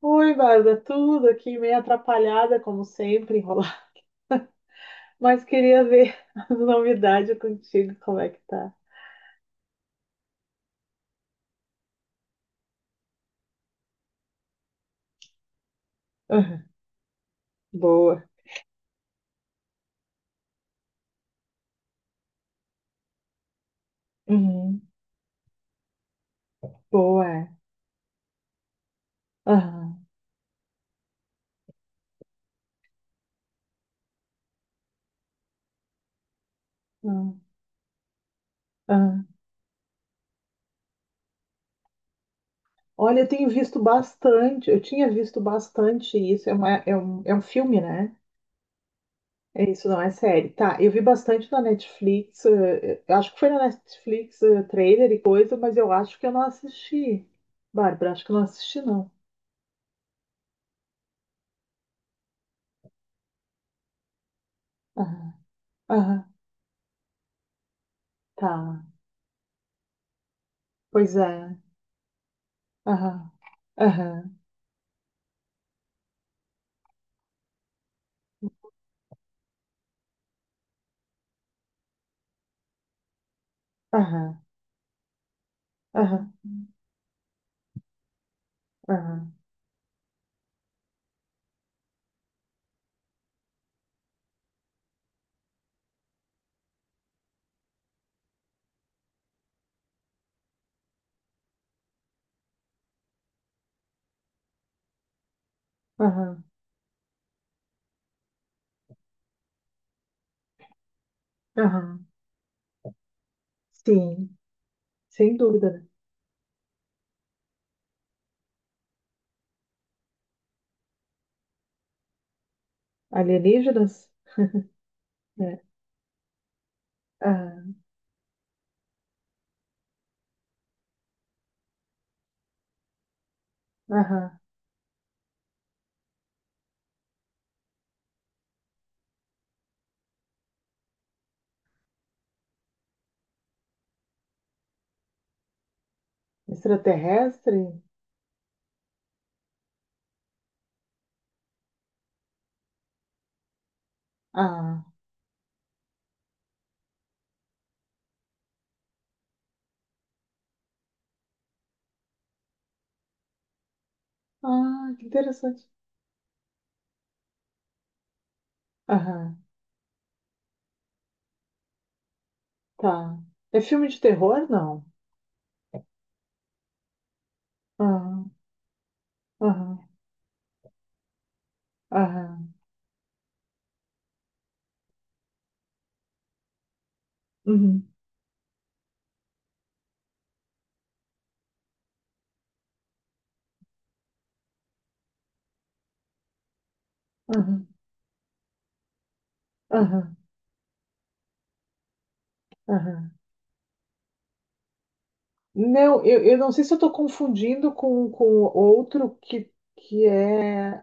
Oi, Bárbara, tudo aqui meio atrapalhada, como sempre, enrolar. Mas queria ver as novidades contigo, como é que tá? Aham. Boa. Uhum. Boa, é. Aham, aham, aham. Olha, eu tenho visto bastante, eu tinha visto bastante isso, é, é é um filme, né? É isso, não é série. Tá, eu vi bastante na Netflix, eu acho que foi na Netflix, trailer e coisa, mas eu acho que eu não assisti. Bárbara, acho que eu não assisti, não. Aham, aham, tá. Pois é. Aham. Aham. Aham. Aham. Aham. Aham. Aham. Sim. Sem dúvida, né? Alienígenas? Né? Aham. Aham. Extraterrestre? Ah. Ah, que interessante. Aham. Tá. É filme de terror? Não. Aham. Aham. Aham. Uhum. Aham. Aham. Aham. Não, eu não sei se eu estou confundindo com outro que é.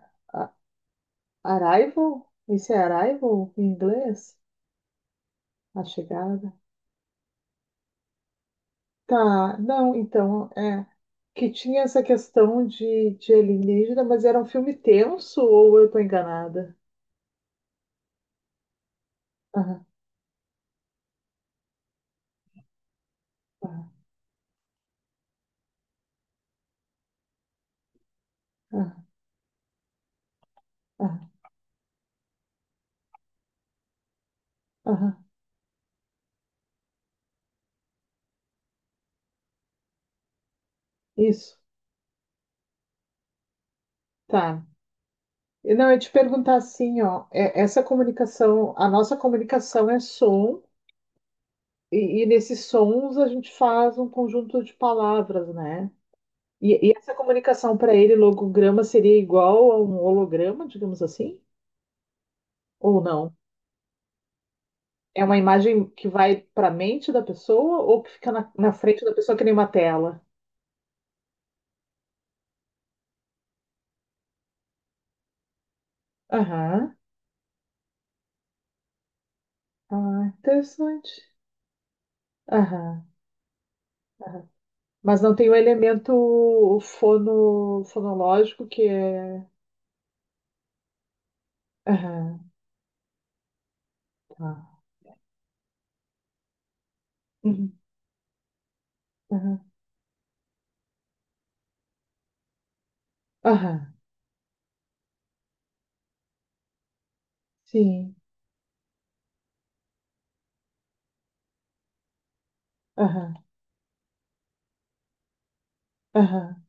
Arrival? Esse é Arrival em inglês? A chegada? Tá, não, então, é. Que tinha essa questão de alienígena, mas era um filme tenso ou eu tô enganada? Aham, aham, aham, aham, aham. Isso, tá. E não, eu ia te perguntar assim, ó, essa comunicação, a nossa comunicação é som, e nesses sons a gente faz um conjunto de palavras, né? E essa comunicação para ele, logograma, seria igual a um holograma, digamos assim? Ou não? É uma imagem que vai para a mente da pessoa ou que fica na frente da pessoa que nem uma tela? Aham. Ah, interessante. Aham, aham. Mas não tem o elemento fono, fonológico que é. Aham. Tá. Uhum. Aham. Aham. Sim. Aham. Aham.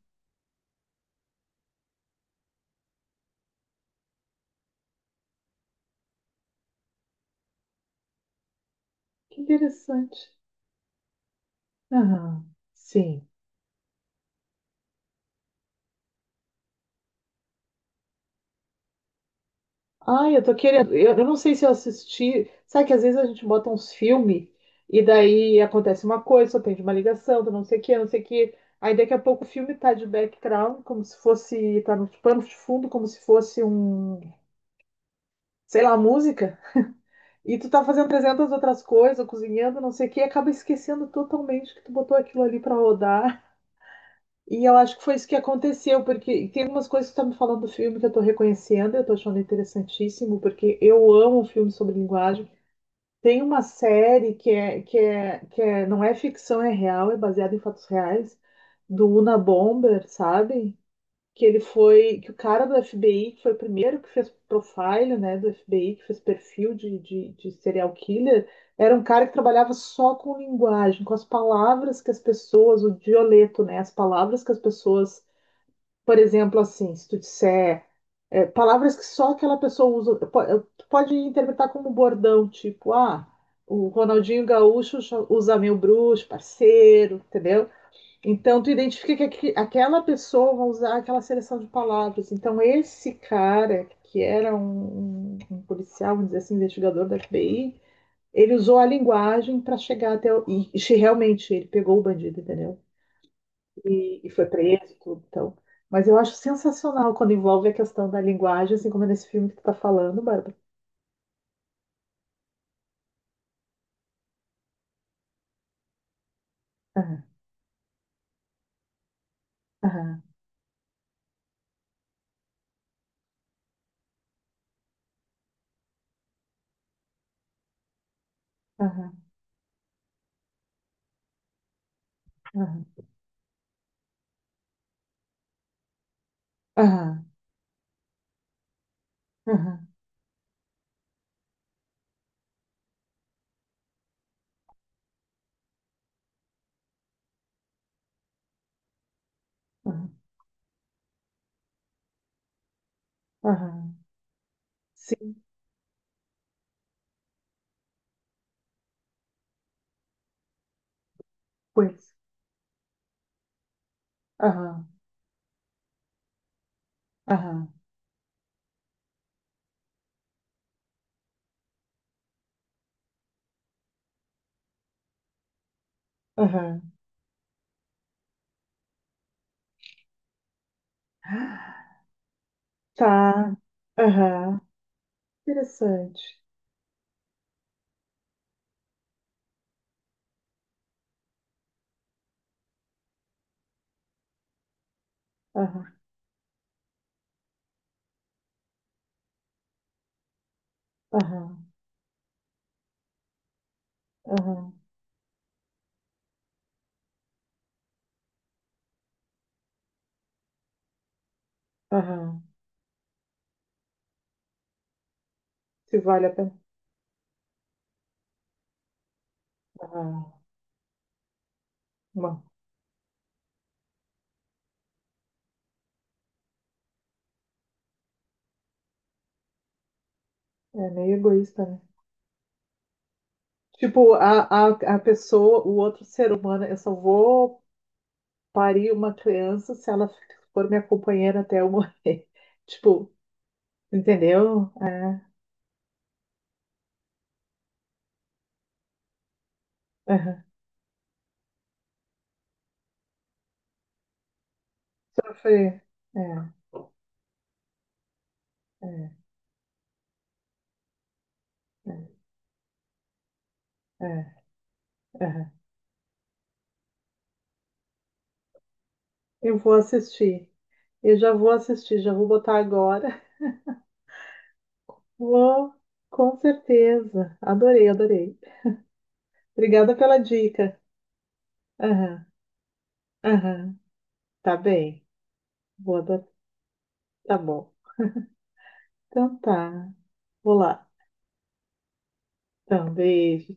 Que interessante. Aham. Sim. Ai, eu tô querendo. Eu não sei se eu assisti. Sabe que às vezes a gente bota uns filmes e daí acontece uma coisa, só tem de uma ligação, do não sei o que, não sei o que. Aí daqui a pouco o filme tá de background, como se fosse. Tá no pano de fundo, como se fosse um. Sei lá, música. E tu tá fazendo 300 outras coisas, cozinhando, não sei o que, e acaba esquecendo totalmente que tu botou aquilo ali pra rodar. E eu acho que foi isso que aconteceu, porque tem algumas coisas que tu tá me falando do filme que eu tô reconhecendo, eu tô achando interessantíssimo, porque eu amo filme sobre linguagem. Tem uma série que é, não é ficção, é real, é baseada em fatos reais, do Una Bomber, sabe? Que o cara do FBI, que foi o primeiro que fez profile, né, do FBI, que fez perfil de serial killer, era um cara que trabalhava só com linguagem, com as palavras que as pessoas, o dioleto, né, as palavras que as pessoas, por exemplo, assim, se tu disser é, palavras que só aquela pessoa usa. Pode interpretar como um bordão, tipo, ah, o Ronaldinho Gaúcho usa meu bruxo, parceiro, entendeu? Então tu identifica que aquela pessoa vai usar aquela seleção de palavras. Então esse cara, que era um policial, vamos dizer assim, investigador da FBI, ele usou a linguagem para chegar até o... E, e realmente ele pegou o bandido, entendeu? E foi preso e tudo, então. Mas eu acho sensacional quando envolve a questão da linguagem, assim como é nesse filme que tu tá falando, Bárbara. Aham, aham, aham, aham, aham, aham, aham, aham. Sim, pois. Aham, aham, aham. Tá. Aham. Interessante. Aham, aham, aham, aham. Se vale a pena. Aham. Bom, é meio egoísta, né? Tipo, a pessoa, o outro ser humano, eu só vou parir uma criança se ela for minha companheira até eu morrer. Tipo, entendeu? É, aham. Sofrer. É, é, é, é, aham. Eu vou assistir. Eu já vou assistir, já vou botar agora. Vou, com certeza. Adorei, adorei. Obrigada pela dica. Aham, aham. Tá bem. Vou adotar. Tá bom. Então tá. Vou lá. Então, beijo.